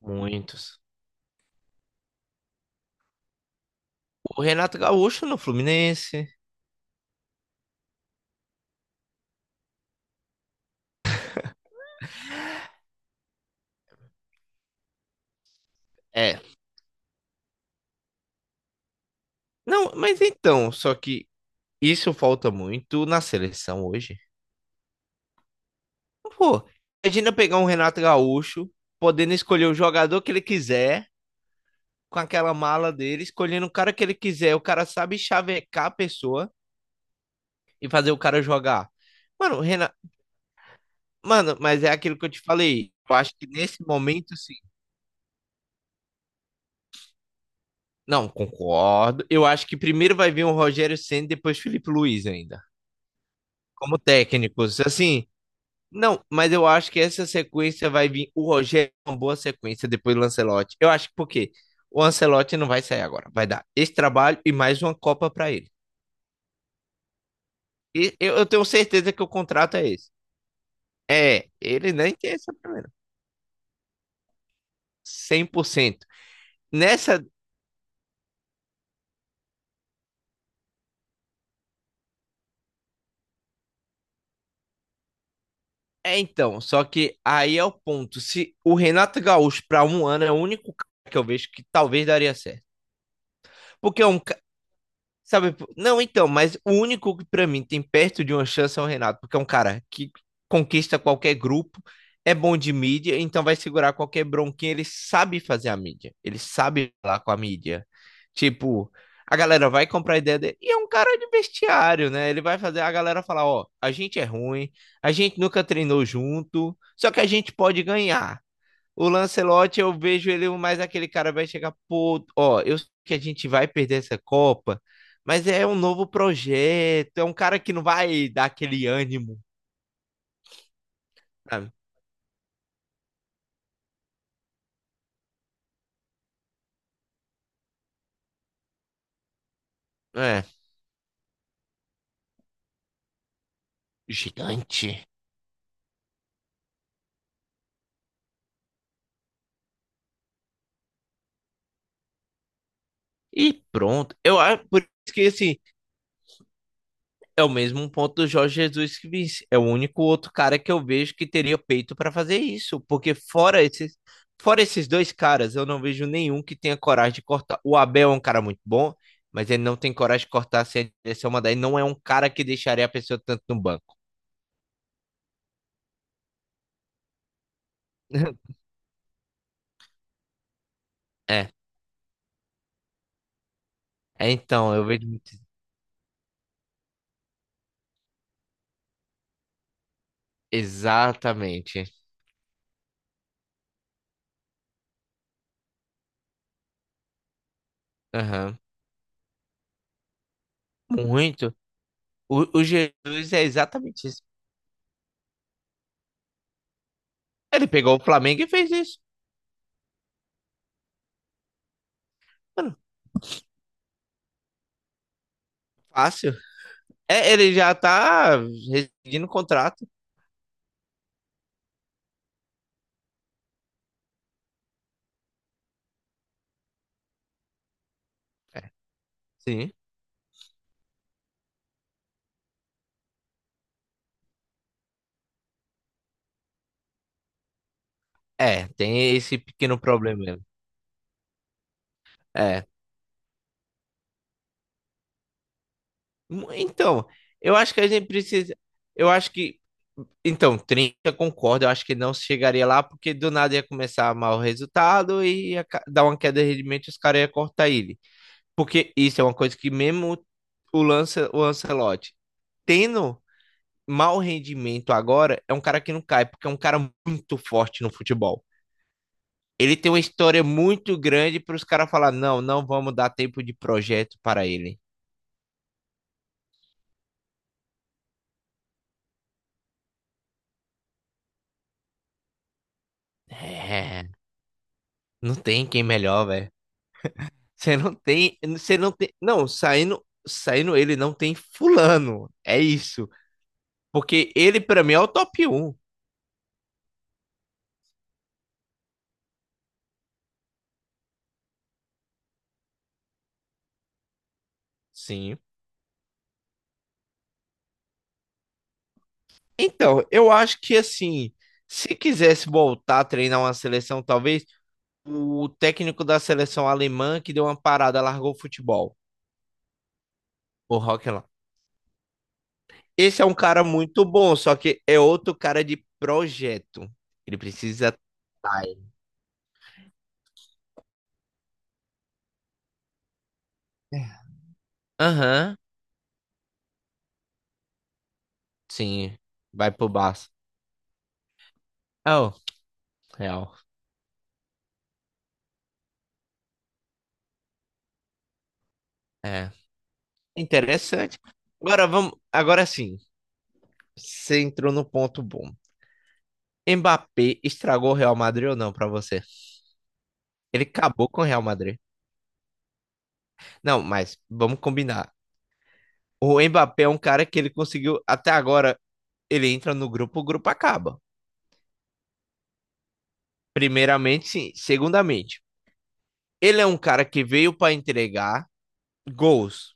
Muitos. O Renato Gaúcho no Fluminense. É. Não, mas então, só que isso falta muito na seleção hoje. Pô, imagina pegar um Renato Gaúcho, podendo escolher o jogador que ele quiser, com aquela mala dele, escolhendo o cara que ele quiser. O cara sabe chavecar a pessoa e fazer o cara jogar. Mano, Renato, mano, mas é aquilo que eu te falei. Eu acho que nesse momento, sim. Não, concordo. Eu acho que primeiro vai vir um Rogério Ceni, depois Felipe Luiz ainda. Como técnicos. Assim, não, mas eu acho que essa sequência vai vir. O Rogério é uma boa sequência depois do Ancelotti. Eu acho que por quê? O Ancelotti não vai sair agora. Vai dar esse trabalho e mais uma Copa para ele. E eu tenho certeza que o contrato é esse. É, ele nem tem essa primeira. Cem por cento. Nessa. É, então, só que aí é o ponto. Se o Renato Gaúcho, para um ano, é o único cara que eu vejo que talvez daria certo. Porque é um. Sabe, pô, não, então, mas o único que pra mim tem perto de uma chance é o Renato, porque é um cara que conquista qualquer grupo, é bom de mídia, então vai segurar qualquer bronquinha, ele sabe fazer a mídia, ele sabe falar com a mídia. Tipo, a galera vai comprar a ideia dele, e é um cara de vestiário, né? Ele vai fazer a galera falar, ó, a gente é ruim, a gente nunca treinou junto, só que a gente pode ganhar. O Lancelotti, eu vejo ele mais aquele cara vai chegar, pô, ó, eu sei que a gente vai perder essa Copa, mas é um novo projeto, é um cara que não vai dar aquele ânimo, sabe? É, gigante. E pronto. Eu acho por isso que assim, é o mesmo ponto do Jorge Jesus que disse. É o único outro cara que eu vejo que teria peito para fazer isso. Porque fora esses, dois caras, eu não vejo nenhum que tenha coragem de cortar. O Abel é um cara muito bom, mas ele não tem coragem de cortar se a direção mandar. Ele não é um cara que deixaria a pessoa tanto no banco. É. É, então, eu vejo muito- Exatamente. Aham. Muito. O Jesus é exatamente isso. Ele pegou o Flamengo e fez isso. Mano, fácil. É, ele já tá rescindindo o contrato. Sim. É, tem esse pequeno problema mesmo. É. Então, eu acho que a gente precisa. Eu acho que. Então, 30, concordo, eu acho que não chegaria lá, porque do nada ia começar a mal o resultado e dar uma queda de rendimento e os caras iam cortar ele. Porque isso é uma coisa que mesmo o Ancelotti tendo mau rendimento agora, é um cara que não cai, porque é um cara muito forte no futebol. Ele tem uma história muito grande para os caras falar, não, não vamos dar tempo de projeto para ele. É, não tem quem melhor, velho. Você não tem, não, saindo ele não tem fulano. É isso. Porque ele para mim é o top um. Sim. Então, eu acho que assim, se quisesse voltar a treinar uma seleção, talvez o técnico da seleção alemã que deu uma parada, largou o futebol, o Rock. Esse é um cara muito bom, só que é outro cara de projeto. Ele precisa. Ai. Aham, sim. Vai pro Barça. Oh, real. É. Interessante. Agora vamos. Agora sim. Você entrou no ponto bom. Mbappé estragou o Real Madrid ou não pra você? Ele acabou com o Real Madrid. Não, mas vamos combinar. O Mbappé é um cara que ele conseguiu até agora. Ele entra no grupo, o grupo acaba. Primeiramente, sim. Segundamente. Ele é um cara que veio para entregar gols.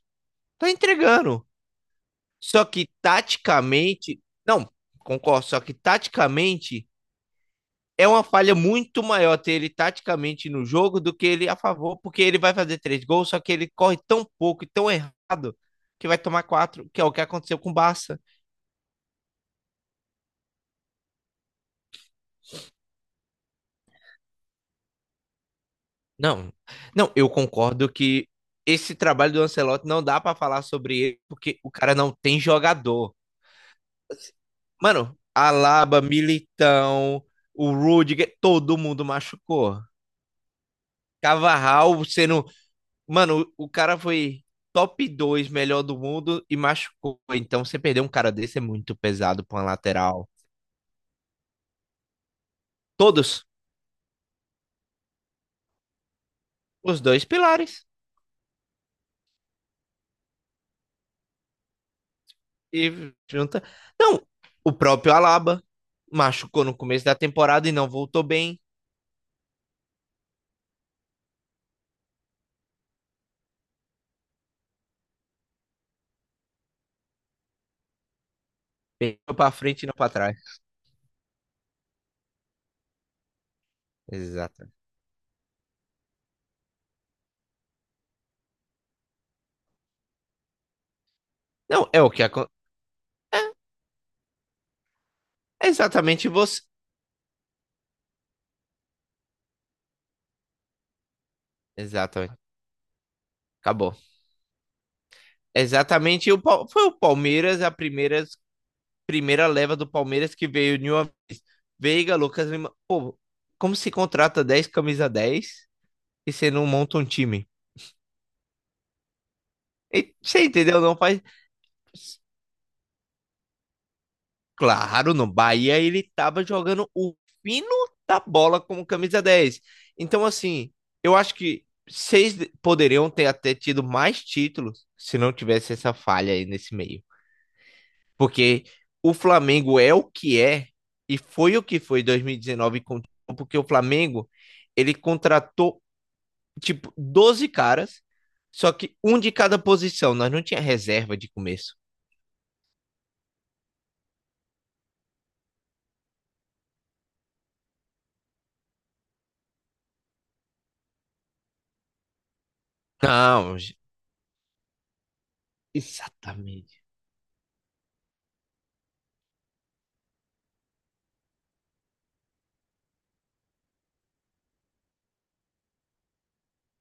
Tá entregando. Só que taticamente, não, concordo, só que taticamente é uma falha muito maior ter ele taticamente no jogo do que ele a favor, porque ele vai fazer três gols, só que ele corre tão pouco e tão errado que vai tomar quatro, que é o que aconteceu com o Barça. Não, não, eu concordo que esse trabalho do Ancelotti não dá para falar sobre ele, porque o cara não tem jogador. Mano, Alaba, Militão, o Rudiger, todo mundo machucou. Cavarral sendo. Mano, o cara foi top 2 melhor do mundo e machucou. Então, você perder um cara desse é muito pesado pra uma lateral. Todos, os dois pilares. E junta. Não, o próprio Alaba machucou no começo da temporada e não voltou bem. Pegou pra frente e não pra trás. Exato. Não, é o que acontece. É exatamente você. Exatamente. Acabou. Exatamente, foi o Palmeiras, a primeira leva do Palmeiras que veio de uma vez. Veiga, Lucas Lima. Pô, como se contrata 10 camisa 10 e você não monta um time? E, você entendeu? Não faz. Claro, no Bahia ele tava jogando o fino da bola como camisa dez. Então, assim, eu acho que vocês poderiam ter até tido mais títulos se não tivesse essa falha aí nesse meio. Porque o Flamengo é o que é e foi o que foi em 2019, porque o Flamengo ele contratou tipo 12 caras, só que um de cada posição. Nós não tinha reserva de começo. Não, exatamente.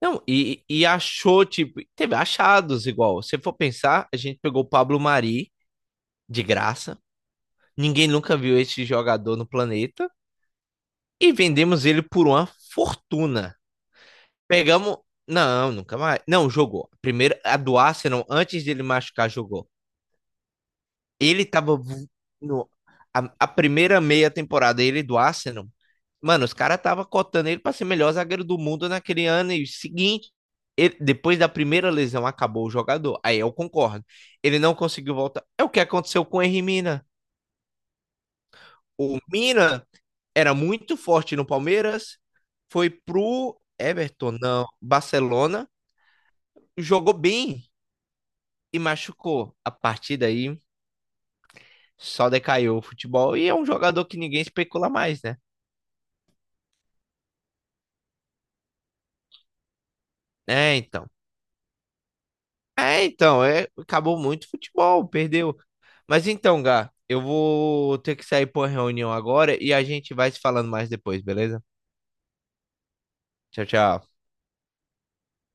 Não, e achou, tipo, teve achados igual. Se for pensar, a gente pegou o Pablo Mari de graça. Ninguém nunca viu esse jogador no planeta. E vendemos ele por uma fortuna. Pegamos. Não, nunca mais. Não, jogou. Primeiro, a do Arsenal, antes dele machucar, jogou. Ele tava vo- no, a primeira meia temporada, ele do Arsenal. Mano, os caras tava cotando ele pra ser melhor zagueiro do mundo naquele ano. E o seguinte, depois da primeira lesão, acabou o jogador. Aí eu concordo. Ele não conseguiu voltar. É o que aconteceu com o Henry Mina. O Mina era muito forte no Palmeiras, foi pro Everton, não, Barcelona, jogou bem. E machucou. A partir daí, só decaiu o futebol. E é um jogador que ninguém especula mais, né? É, então. É, então. É, acabou muito o futebol, perdeu. Mas então, Gá, eu vou ter que sair por reunião agora e a gente vai se falando mais depois, beleza? Tchau, tchau.